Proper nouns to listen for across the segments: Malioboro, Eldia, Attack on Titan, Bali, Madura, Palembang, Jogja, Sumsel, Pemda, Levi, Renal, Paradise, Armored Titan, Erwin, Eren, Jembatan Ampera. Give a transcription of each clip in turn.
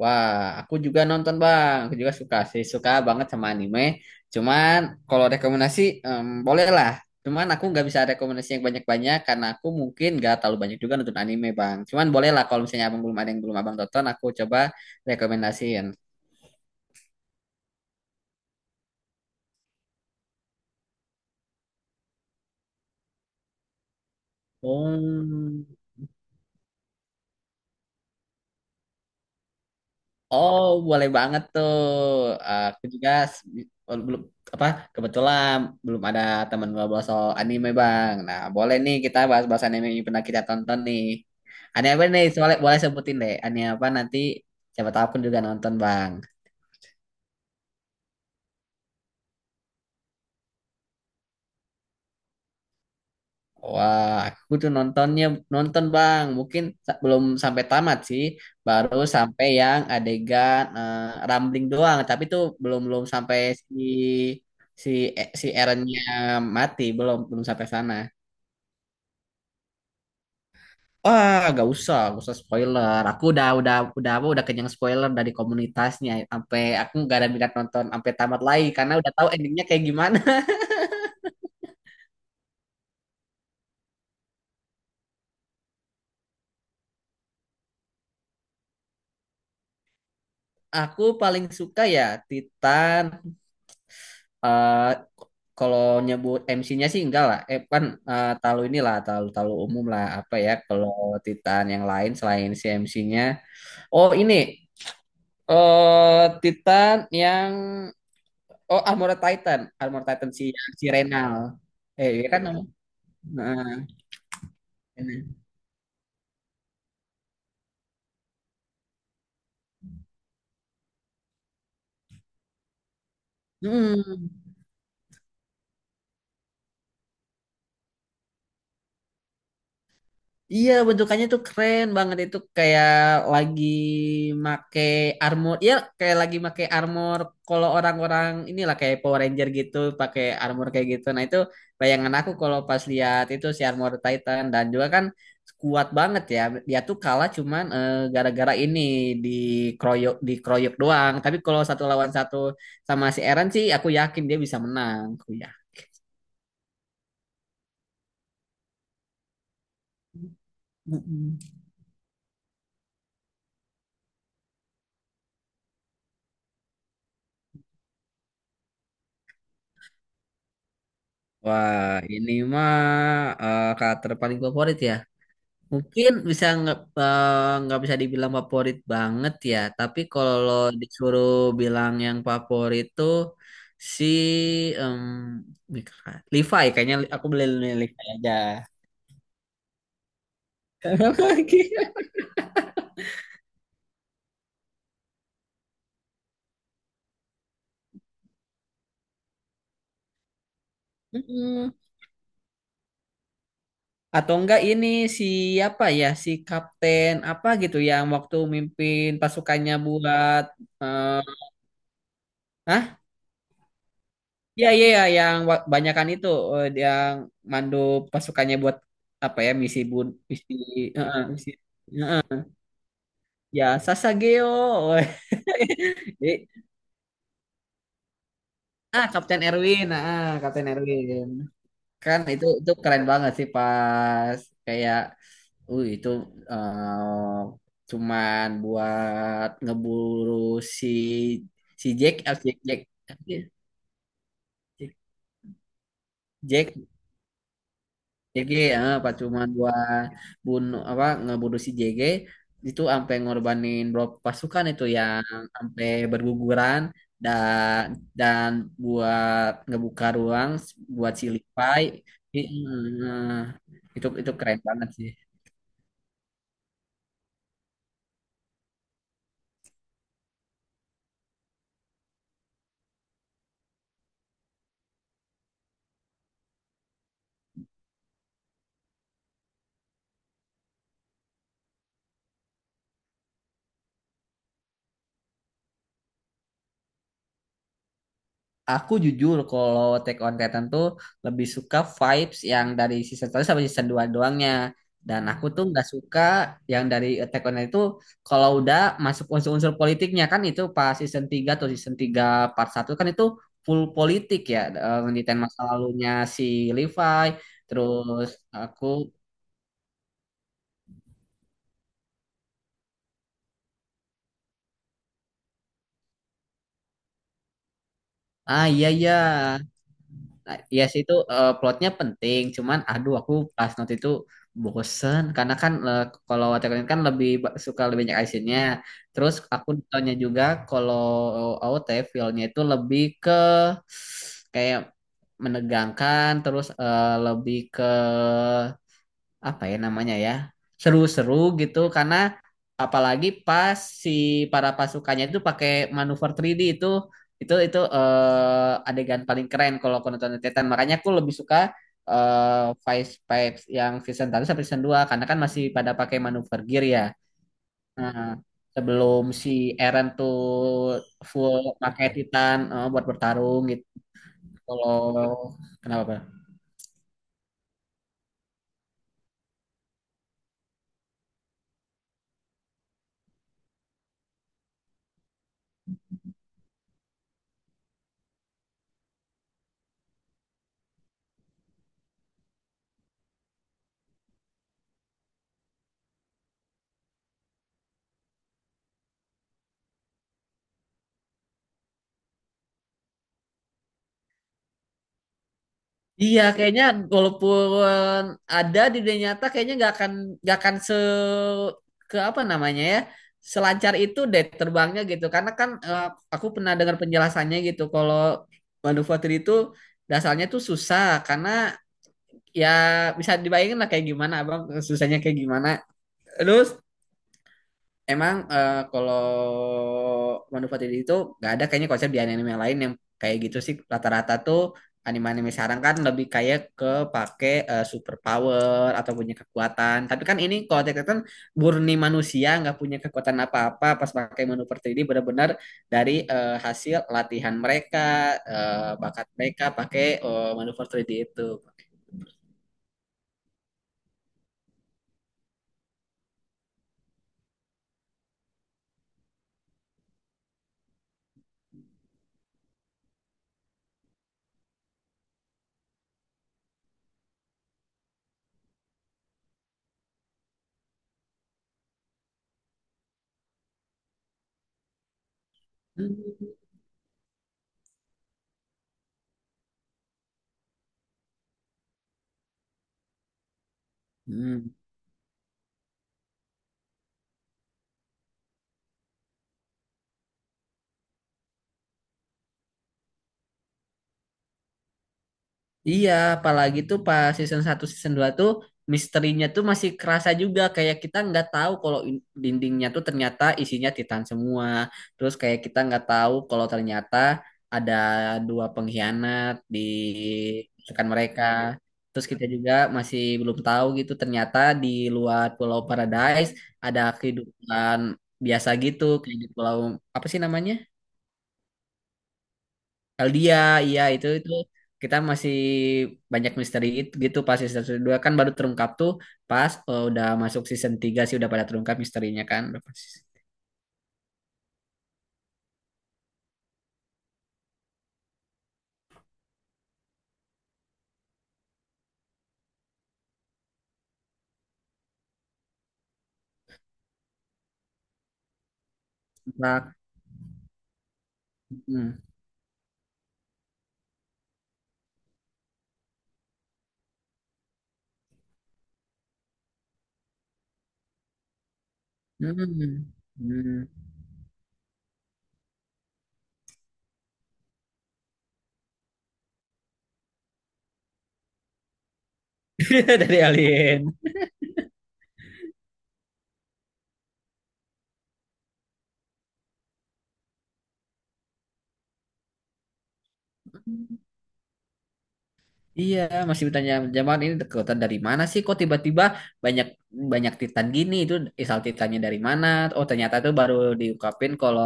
Wah, aku juga nonton Bang. Aku juga suka sih, suka banget sama anime. Cuman kalau rekomendasi boleh lah. Cuman aku nggak bisa rekomendasi yang banyak-banyak karena aku mungkin nggak terlalu banyak juga nonton anime Bang. Cuman boleh lah kalau misalnya abang belum ada yang belum abang tonton, aku coba rekomendasiin. Oh. Oh, boleh banget tuh. Aku juga oh, belum apa kebetulan belum ada teman ngobrol soal anime, Bang. Nah, boleh nih kita bahas-bahas anime yang pernah kita tonton nih. Anime apa nih? Soalnya boleh sebutin deh. Anime apa nanti siapa tahu pun juga nonton, Bang. Wah, aku tuh nontonnya nonton Bang. Mungkin belum sampai tamat sih, baru sampai yang adegan rambling doang. Tapi tuh belum belum sampai si si si Eren-nya mati, belum belum sampai sana. Wah, gak usah spoiler. Aku udah apa udah kenyang spoiler dari komunitasnya. Sampai aku gak ada minat nonton sampai tamat lagi karena udah tahu endingnya kayak gimana. Aku paling suka ya Titan eh kalau nyebut MC-nya sih enggak lah. Eh kan talu inilah, talu talu umum lah apa ya kalau Titan yang lain selain si MC-nya. Oh ini Titan yang oh Armored Titan, Armored Titan si si Renal. Eh dia kan namanya. Nah, ini. Hmm. Iya, bentukannya tuh keren banget itu kayak lagi make armor. Ya, kayak lagi make armor kalau orang-orang inilah kayak Power Ranger gitu, pakai armor kayak gitu. Nah, itu bayangan aku kalau pas lihat itu si Armor Titan dan juga kan kuat banget ya. Dia tuh kalah cuman gara-gara ini dikeroyok dikeroyok doang. Tapi kalau satu lawan satu sama si Eren sih aku yakin dia bisa menang, aku ya. Mm-mm. Wah, ini mah karakter paling favorit ya. Mungkin bisa nggak nggak bisa dibilang favorit banget ya, tapi kalau disuruh bilang yang favorit tuh si em, Levi kayaknya aku beli Levi aja. Mm-mm. Atau enggak ini siapa ya si kapten apa gitu yang waktu mimpin pasukannya buat eh, Iya, iya, iya, yang banyakan itu yang mandu pasukannya buat apa ya misi bun misi heeh, misi ya Sasageo. Jadi, ah Kapten Erwin, ah Kapten Erwin. Kan itu keren banget sih pas kayak itu eh, cuman buat ngeburu si si Jack, ah, Jack Jack Jack JG pas cuma dua bunuh apa ngebunuh si JG itu sampai ngorbanin berapa pasukan itu yang sampai berguguran dan dan buat ngebuka ruang buat si Levi I- itu keren banget sih. Aku jujur kalau Attack on Titan tuh lebih suka vibes yang dari season 1 sampai season 2 doangnya. Dan aku tuh nggak suka yang dari Attack on Titan itu kalau udah masuk unsur-unsur politiknya kan itu pas season 3 atau season 3 part satu kan itu full politik ya. Ngeritain masa lalunya si Levi. Terus aku, ah iya iya. Nah, Iya sih itu plotnya penting, cuman aduh aku pas nonton itu bosen karena kan kalau Attack on Titan kan lebih suka lebih banyak actionnya. Terus aku nontonnya juga kalau AOT feel-nya itu lebih ke kayak menegangkan, terus lebih ke apa ya namanya ya seru-seru gitu karena apalagi pas si para pasukannya itu pakai manuver 3D itu itu adegan paling keren kalau aku nonton Attack on Titan makanya aku lebih suka Vice Vibes yang season satu sampai season 2 karena kan masih pada pakai manuver gear ya. Nah, sebelum si Eren tuh full pakai Titan buat bertarung gitu kalau kenapa Pak? Iya, kayaknya walaupun ada di dunia nyata, kayaknya nggak akan se ke apa namanya ya selancar itu deh terbangnya gitu. Karena kan aku pernah dengar penjelasannya gitu. Kalau manufaktur itu dasarnya tuh susah karena ya bisa dibayangin lah kayak gimana abang susahnya kayak gimana. Terus Emang kalau Wano Fatili itu nggak ada kayaknya konsep di anime yang lain yang kayak gitu sih. Rata-rata tuh anime-anime sekarang kan lebih kayak ke pakai super power atau punya kekuatan. Tapi kan ini kalau Attack on Titan murni manusia nggak punya kekuatan apa-apa pas pakai Wano Fatili benar-benar dari hasil latihan mereka, bakat mereka pakai Wano Fatili itu. Hmm. Iya, apalagi tuh pas season satu season 2 tuh misterinya tuh masih kerasa juga kayak kita nggak tahu kalau dindingnya tuh ternyata isinya titan semua. Terus kayak kita nggak tahu kalau ternyata ada dua pengkhianat di rekan mereka. Terus kita juga masih belum tahu gitu ternyata di luar Pulau Paradise ada kehidupan biasa gitu kayak di pulau apa sih namanya? Eldia, iya itu kita masih banyak misteri itu gitu pas season 2 kan baru terungkap tuh pas udah masuk season 3 sih udah pada terungkap misterinya kan udah pas season empat. Hmm. Hmm. Hmm. Dari alien. Iya, masih bertanya zaman ini kekuatan dari mana sih? Kok tiba-tiba banyak banyak Titan gini? Itu asal Titannya dari mana? Oh, ternyata itu baru diungkapin kalau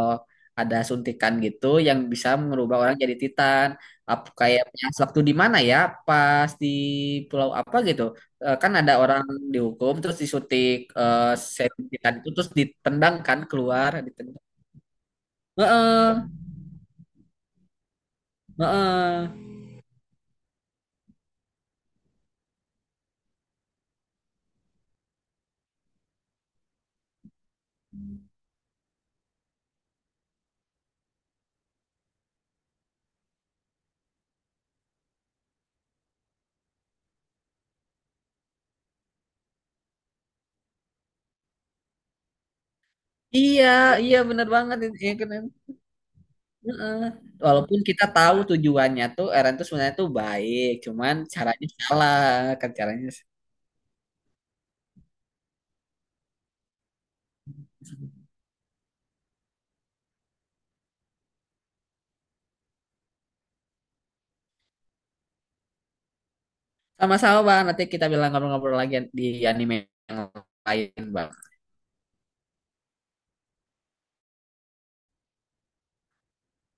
ada suntikan gitu yang bisa merubah orang jadi Titan. Apa kayaknya waktu di mana ya? Pas di pulau apa gitu? Eh, Kan ada orang dihukum terus disuntik serum Titan itu terus ditendang kan keluar. Ditendang. Heeh, heeh. Iya, iya bener banget. Iya, kan. Heeh. Walaupun kita tahu tujuannya tuh Eren tuh sebenarnya tuh baik, cuman caranya salah, kan caranya sama-sama bang. Nanti kita bilang ngobrol-ngobrol lagi di anime yang lain bang.